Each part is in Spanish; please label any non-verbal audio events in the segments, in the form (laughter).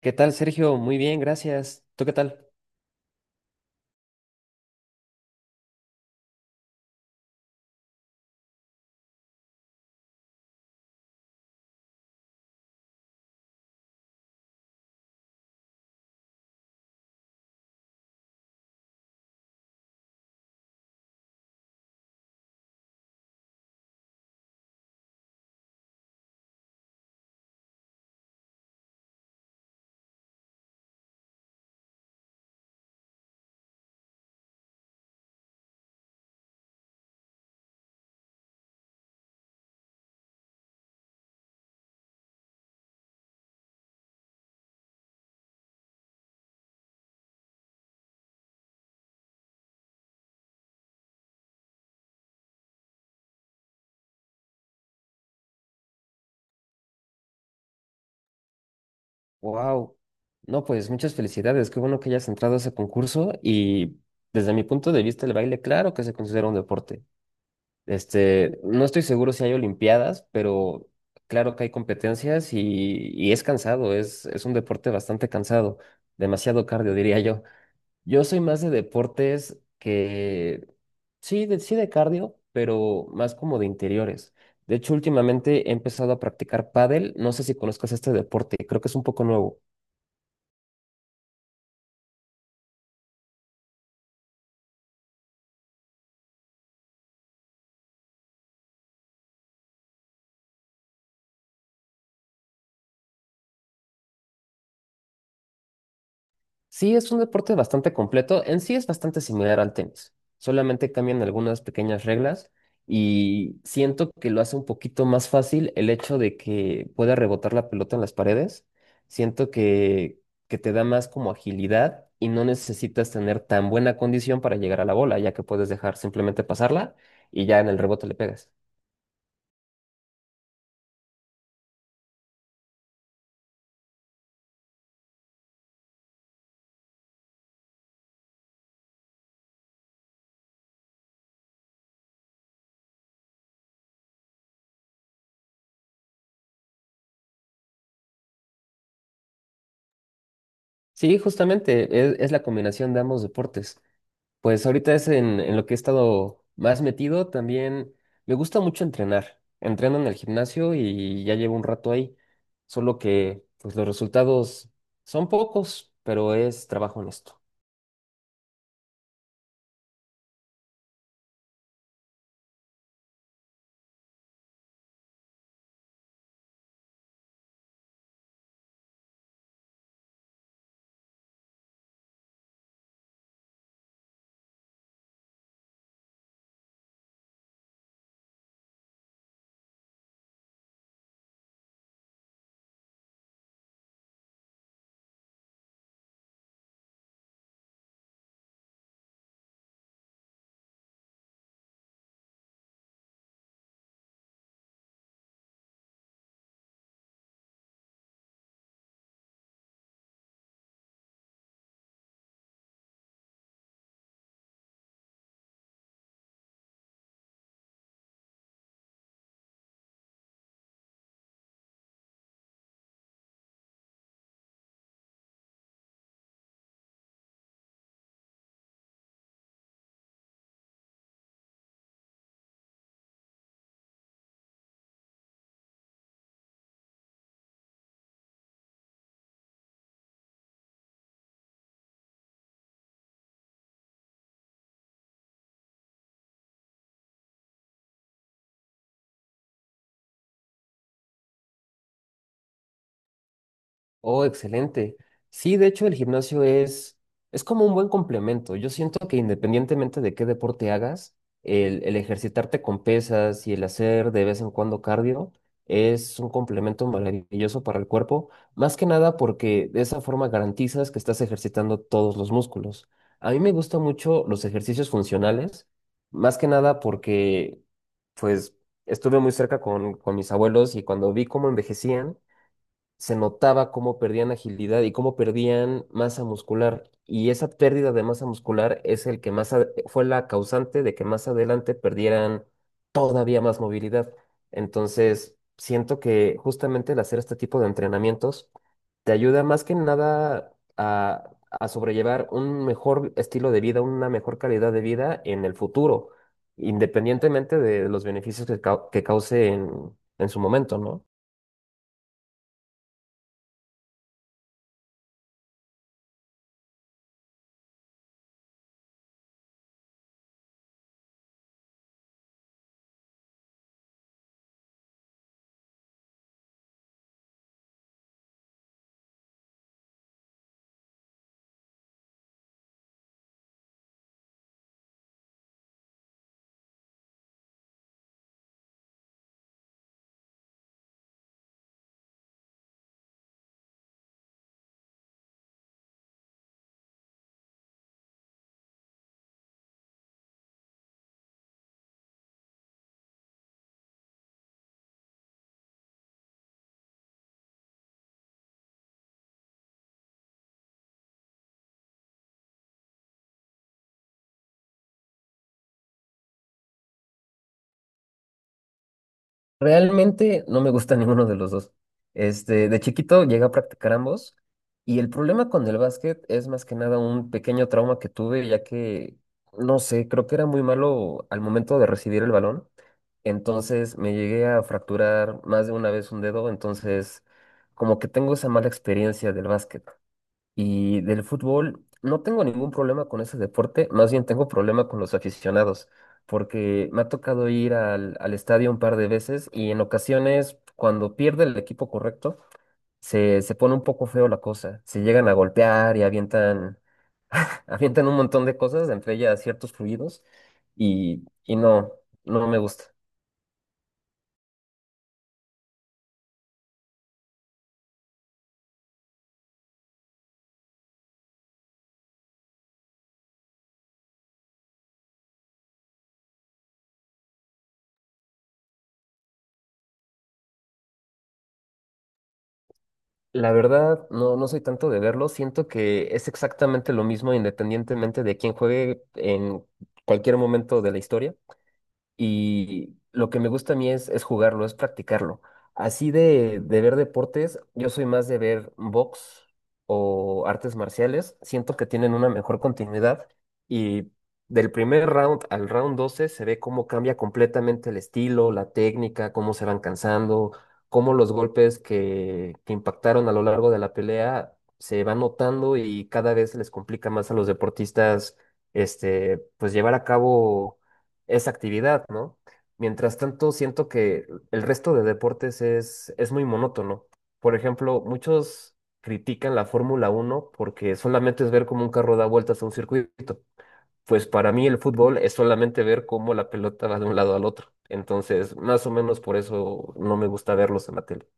¿Qué tal, Sergio? Muy bien, gracias. ¿Tú qué tal? Wow. No, pues muchas felicidades. Qué bueno que hayas entrado a ese concurso y desde mi punto de vista el baile, claro que se considera un deporte. Este, no estoy seguro si hay olimpiadas, pero claro que hay competencias y es cansado, es un deporte bastante cansado, demasiado cardio, diría yo. Yo soy más de deportes que, sí, de cardio, pero más como de interiores. De hecho, últimamente he empezado a practicar pádel. No sé si conozcas este deporte, creo que es un poco nuevo. Sí, es un deporte bastante completo. En sí es bastante similar al tenis. Solamente cambian algunas pequeñas reglas y siento que lo hace un poquito más fácil el hecho de que pueda rebotar la pelota en las paredes. Siento que te da más como agilidad y no necesitas tener tan buena condición para llegar a la bola, ya que puedes dejar simplemente pasarla y ya en el rebote le pegas. Sí, justamente es la combinación de ambos deportes. Pues ahorita es en lo que he estado más metido. También me gusta mucho entrenar. Entreno en el gimnasio y ya llevo un rato ahí. Solo que pues los resultados son pocos, pero es trabajo honesto. Oh, excelente. Sí, de hecho el gimnasio es como un buen complemento. Yo siento que independientemente de qué deporte hagas, el ejercitarte con pesas y el hacer de vez en cuando cardio es un complemento maravilloso para el cuerpo, más que nada porque de esa forma garantizas que estás ejercitando todos los músculos. A mí me gustan mucho los ejercicios funcionales, más que nada porque pues estuve muy cerca con mis abuelos y cuando vi cómo envejecían, se notaba cómo perdían agilidad y cómo perdían masa muscular. Y esa pérdida de masa muscular es el que más fue la causante de que más adelante perdieran todavía más movilidad. Entonces, siento que justamente el hacer este tipo de entrenamientos te ayuda más que nada a sobrellevar un mejor estilo de vida, una mejor calidad de vida en el futuro, independientemente de los beneficios que cause en su momento, ¿no? Realmente no me gusta (laughs) ninguno de los dos. Este, de chiquito llegué a practicar ambos y el problema con el básquet es más que nada un pequeño trauma que tuve, ya que, no sé, creo que era muy malo al momento de recibir el balón. Entonces me llegué a fracturar más de una vez un dedo, entonces como que tengo esa mala experiencia del básquet. Y del fútbol, no tengo ningún problema con ese deporte, más bien tengo problema con los aficionados, porque me ha tocado ir al estadio un par de veces y en ocasiones, cuando pierde el equipo correcto, se pone un poco feo la cosa. Se llegan a golpear y avientan, (laughs) avientan un montón de cosas, entre ellas ciertos fluidos, y no, no me gusta. La verdad, no, no soy tanto de verlo, siento que es exactamente lo mismo independientemente de quién juegue en cualquier momento de la historia y lo que me gusta a mí es jugarlo, es practicarlo. Así de ver deportes, yo soy más de ver box o artes marciales. Siento que tienen una mejor continuidad y del primer round al round 12 se ve cómo cambia completamente el estilo, la técnica, cómo se van cansando, cómo los golpes que impactaron a lo largo de la pelea se van notando y cada vez les complica más a los deportistas este, pues llevar a cabo esa actividad, ¿no? Mientras tanto, siento que el resto de deportes es muy monótono. Por ejemplo, muchos critican la Fórmula 1 porque solamente es ver cómo un carro da vueltas a un circuito. Pues para mí el fútbol es solamente ver cómo la pelota va de un lado al otro. Entonces, más o menos por eso no me gusta verlos en la tele.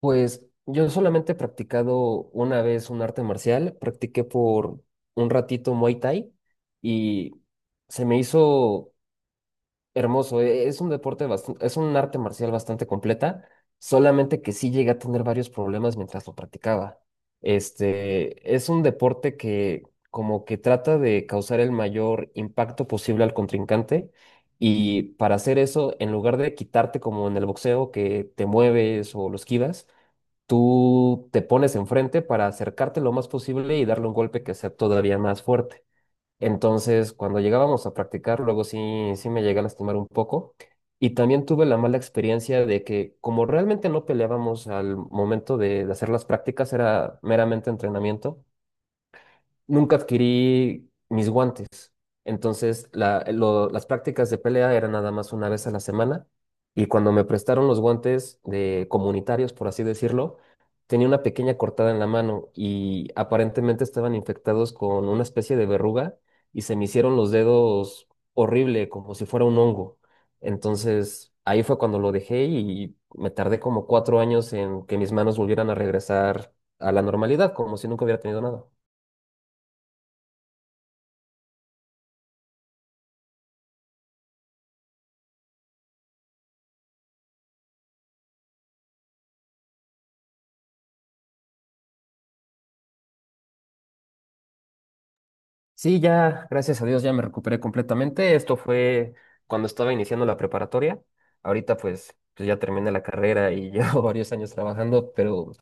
Pues yo solamente he practicado una vez un arte marcial, practiqué por un ratito Muay Thai y se me hizo hermoso. Es un arte marcial bastante completa, solamente que sí llegué a tener varios problemas mientras lo practicaba. Este, es un deporte que como que trata de causar el mayor impacto posible al contrincante y para hacer eso, en lugar de quitarte como en el boxeo que te mueves o lo esquivas, tú te pones enfrente para acercarte lo más posible y darle un golpe que sea todavía más fuerte. Entonces, cuando llegábamos a practicar, luego sí me llegué a lastimar un poco. Y también tuve la mala experiencia de que como realmente no peleábamos al momento de hacer las prácticas, era meramente entrenamiento, nunca adquirí mis guantes. Entonces, las prácticas de pelea eran nada más una vez a la semana y cuando me prestaron los guantes de comunitarios, por así decirlo, tenía una pequeña cortada en la mano y aparentemente estaban infectados con una especie de verruga y se me hicieron los dedos horrible, como si fuera un hongo. Entonces, ahí fue cuando lo dejé y me tardé como 4 años en que mis manos volvieran a regresar a la normalidad, como si nunca hubiera tenido nada. Sí, ya, gracias a Dios, ya me recuperé completamente. Esto fue cuando estaba iniciando la preparatoria. Ahorita pues ya terminé la carrera y (laughs) llevo varios años trabajando, pero,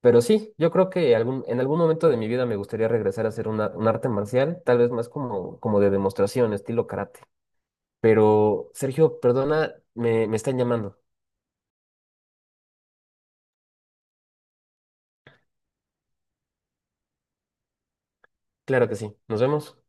pero sí, yo creo que en algún momento de mi vida me gustaría regresar a hacer un arte marcial, tal vez más como de demostración, estilo karate. Pero, Sergio, perdona, me están llamando. Claro que sí. Nos vemos.